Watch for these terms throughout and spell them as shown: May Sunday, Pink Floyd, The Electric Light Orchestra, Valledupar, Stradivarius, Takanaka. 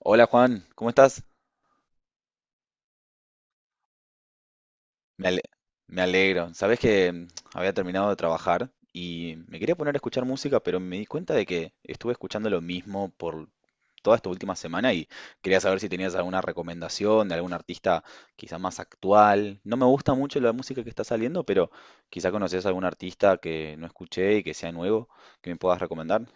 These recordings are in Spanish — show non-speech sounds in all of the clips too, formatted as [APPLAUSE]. Hola Juan, ¿cómo estás? Me ale- Me alegro. Sabés que había terminado de trabajar y me quería poner a escuchar música, pero me di cuenta de que estuve escuchando lo mismo por toda esta última semana y quería saber si tenías alguna recomendación de algún artista quizá más actual. No me gusta mucho la música que está saliendo, pero quizá conoces algún artista que no escuché y que sea nuevo, que me puedas recomendar.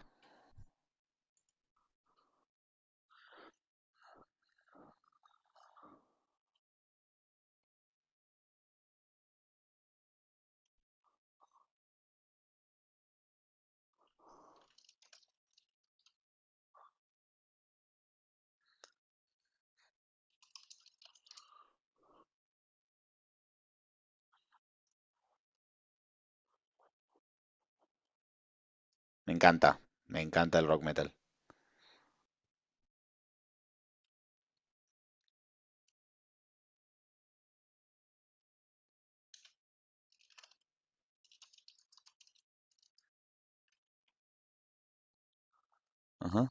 Me encanta, me encanta el rock metal. Ajá,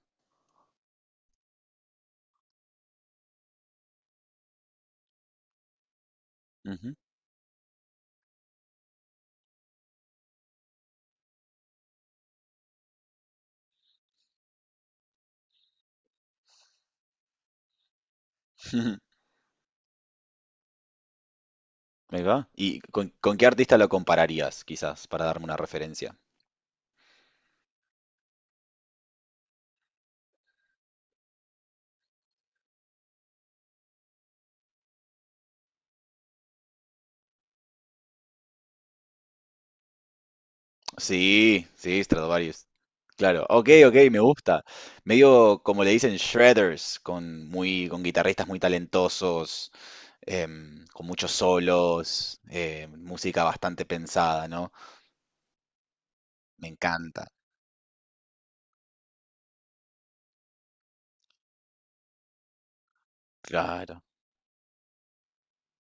ujú. [LAUGHS] Ahí va. ¿Y con qué artista lo compararías, quizás, para darme una referencia? Sí, sí, Stradivarius. Claro. Ok, ok, me gusta. Medio como le dicen shredders, con muy, con guitarristas muy talentosos, con muchos solos, música bastante pensada, ¿no? Me encanta. Claro.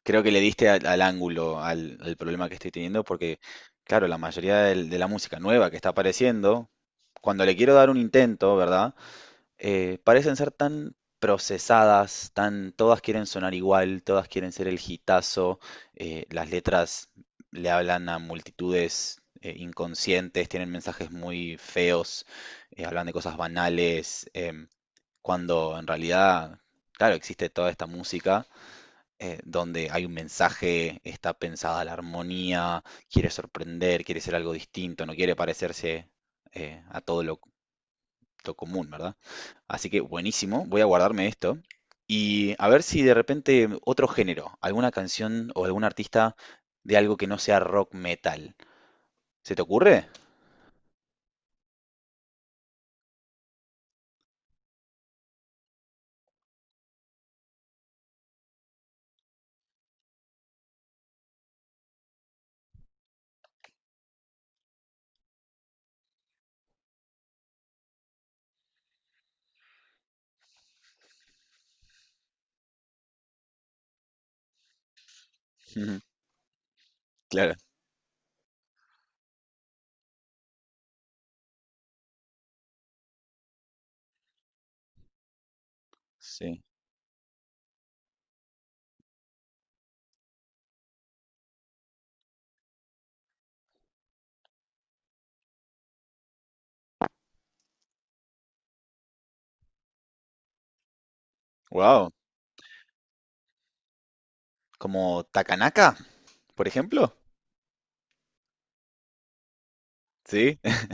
Creo que le diste al ángulo, al problema que estoy teniendo, porque, claro, la mayoría de la música nueva que está apareciendo, cuando le quiero dar un intento, ¿verdad? Parecen ser tan procesadas, tan, todas quieren sonar igual, todas quieren ser el hitazo, las letras le hablan a multitudes inconscientes, tienen mensajes muy feos, hablan de cosas banales, cuando en realidad, claro, existe toda esta música donde hay un mensaje, está pensada la armonía, quiere sorprender, quiere ser algo distinto, no quiere parecerse a todo lo común, ¿verdad? Así que buenísimo, voy a guardarme esto. Y a ver si de repente otro género, alguna canción o algún artista de algo que no sea rock metal. ¿Se te ocurre? [LAUGHS] Ujú, claro, sí. Wow, como Takanaka, por ejemplo. Sí, [LAUGHS]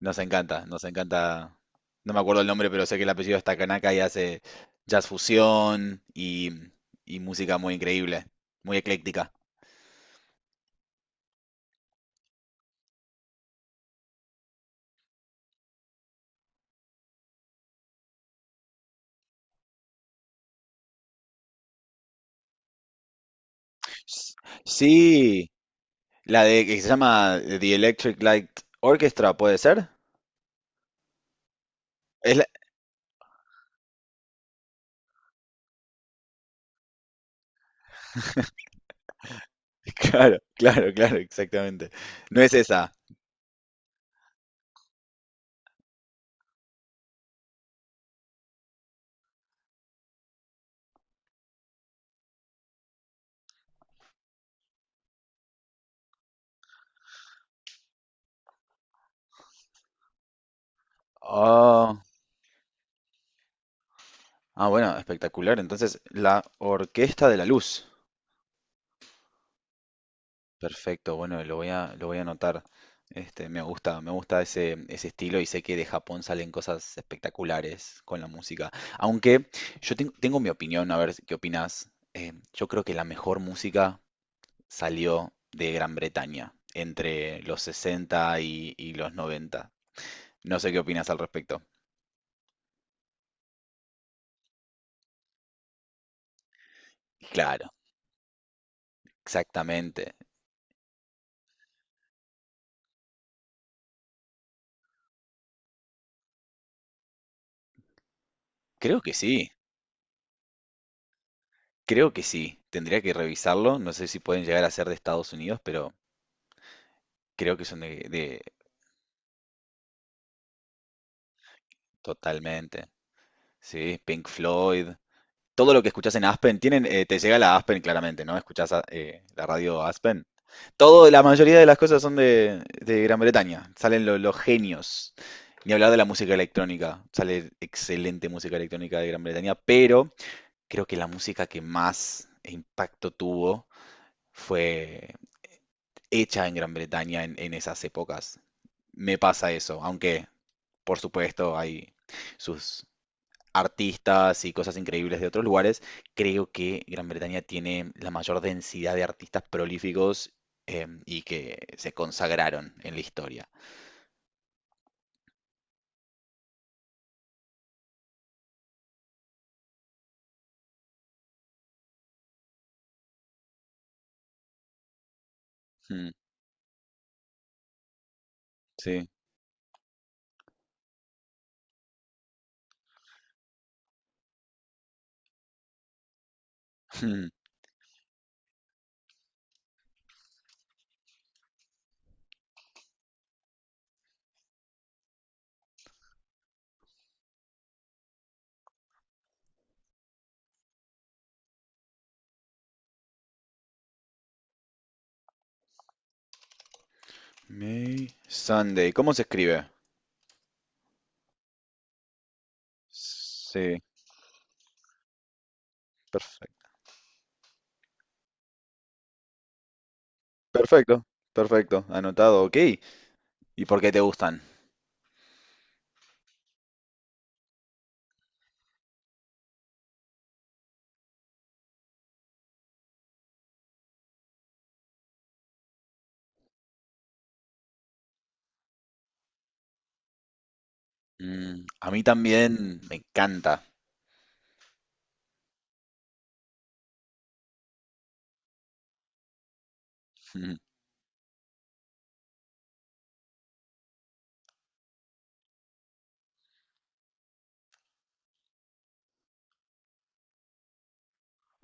nos encanta, nos encanta. No me acuerdo el nombre, pero sé que el apellido es Takanaka y hace jazz fusión y música muy increíble, muy ecléctica. S- Sí, la de que se llama The Electric Light Orchestra, ¿puede ser? Es la- [LAUGHS] Claro, claro, claro, exactamente. No es esa. Oh, ah, bueno, espectacular. Entonces, la Orquesta de la Luz. Perfecto, bueno, lo voy a anotar. Este, me gusta ese, ese estilo y sé que de Japón salen cosas espectaculares con la música. Aunque yo tengo mi opinión, a ver qué opinas. Yo creo que la mejor música salió de Gran Bretaña entre los 60 y los noventa. No sé qué opinas al respecto. Claro, exactamente. Creo que sí, creo que sí. Tendría que revisarlo. No sé si pueden llegar a ser de Estados Unidos, pero creo que son de. Totalmente. Sí, Pink Floyd, todo lo que escuchás en Aspen, tienen, te llega la Aspen claramente, ¿no? La radio Aspen. Todo, la mayoría de las cosas son de Gran Bretaña. Salen los genios. Ni hablar de la música electrónica. Sale excelente música electrónica de Gran Bretaña, pero creo que la música que más impacto tuvo fue hecha en Gran Bretaña en esas épocas. Me pasa eso, aunque por supuesto hay sus artistas y cosas increíbles de otros lugares, creo que Gran Bretaña tiene la mayor densidad de artistas prolíficos y que se consagraron en la historia. Mm, sí. Mm. May Sunday. ¿Cómo se escribe? Sí, perfecto. Perfecto, perfecto. Anotado, ok. ¿Y por qué te gustan? Mm, a mí también me encanta. Mm.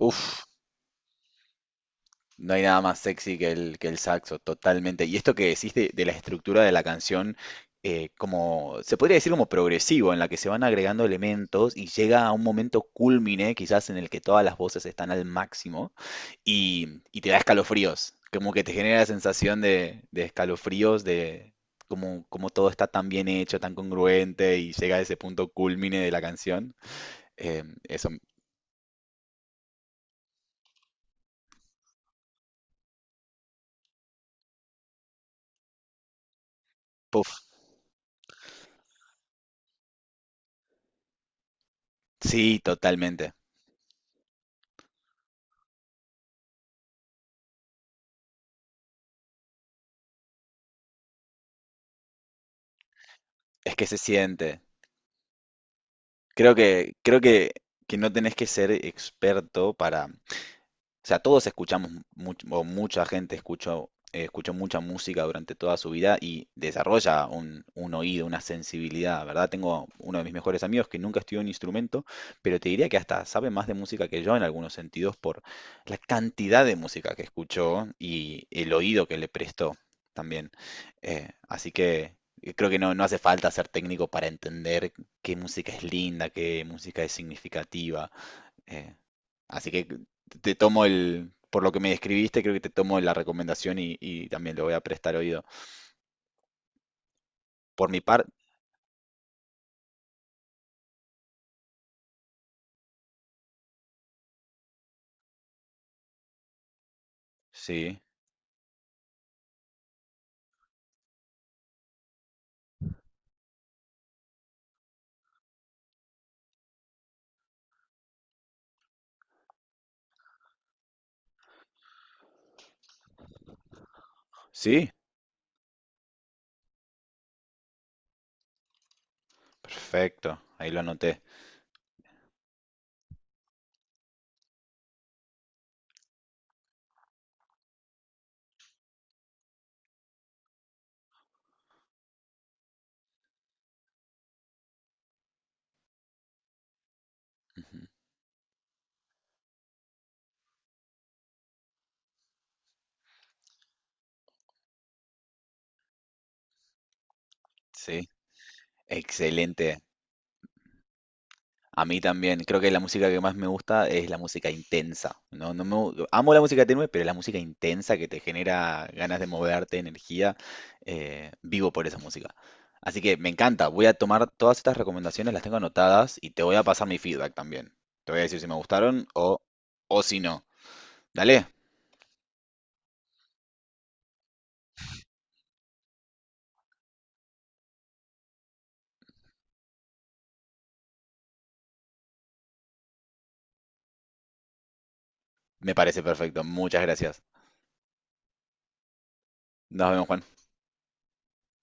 Uf, no hay nada más sexy que el saxo, totalmente. Y esto que decís de la estructura de la canción, como se podría decir como progresivo, en la que se van agregando elementos y llega a un momento cúlmine, quizás en el que todas las voces están al máximo y te da escalofríos, como que te genera la sensación de escalofríos, de como, como todo está tan bien hecho, tan congruente y llega a ese punto cúlmine de la canción. Eh, eso, puff, sí, totalmente. Es que se siente. Creo que, creo que, que no tenés que ser experto para, o sea, todos escuchamos, o mucha gente escuchó, escuchó mucha música durante toda su vida y desarrolla un oído, una sensibilidad, ¿verdad? Tengo uno de mis mejores amigos que nunca estudió un instrumento, pero te diría que hasta sabe más de música que yo en algunos sentidos por la cantidad de música que escuchó y el oído que le prestó también. Así que creo que no, no hace falta ser técnico para entender qué música es linda, qué música es significativa, eh, así que te tomo el, por lo que me describiste, creo que te tomo la recomendación y también le voy a prestar oído. Por mi parte, sí, sí, perfecto, ahí lo anoté. Ujú, sí, excelente. A mí también, creo que la música que más me gusta es la música intensa. No, amo la música tenue, pero la música intensa que te genera ganas de moverte, energía, vivo por esa música. Así que me encanta, voy a tomar todas estas recomendaciones, las tengo anotadas y te voy a pasar mi feedback también. Te voy a decir si me gustaron o si no. Dale, me parece perfecto. Muchas gracias. Nos vemos, Juan.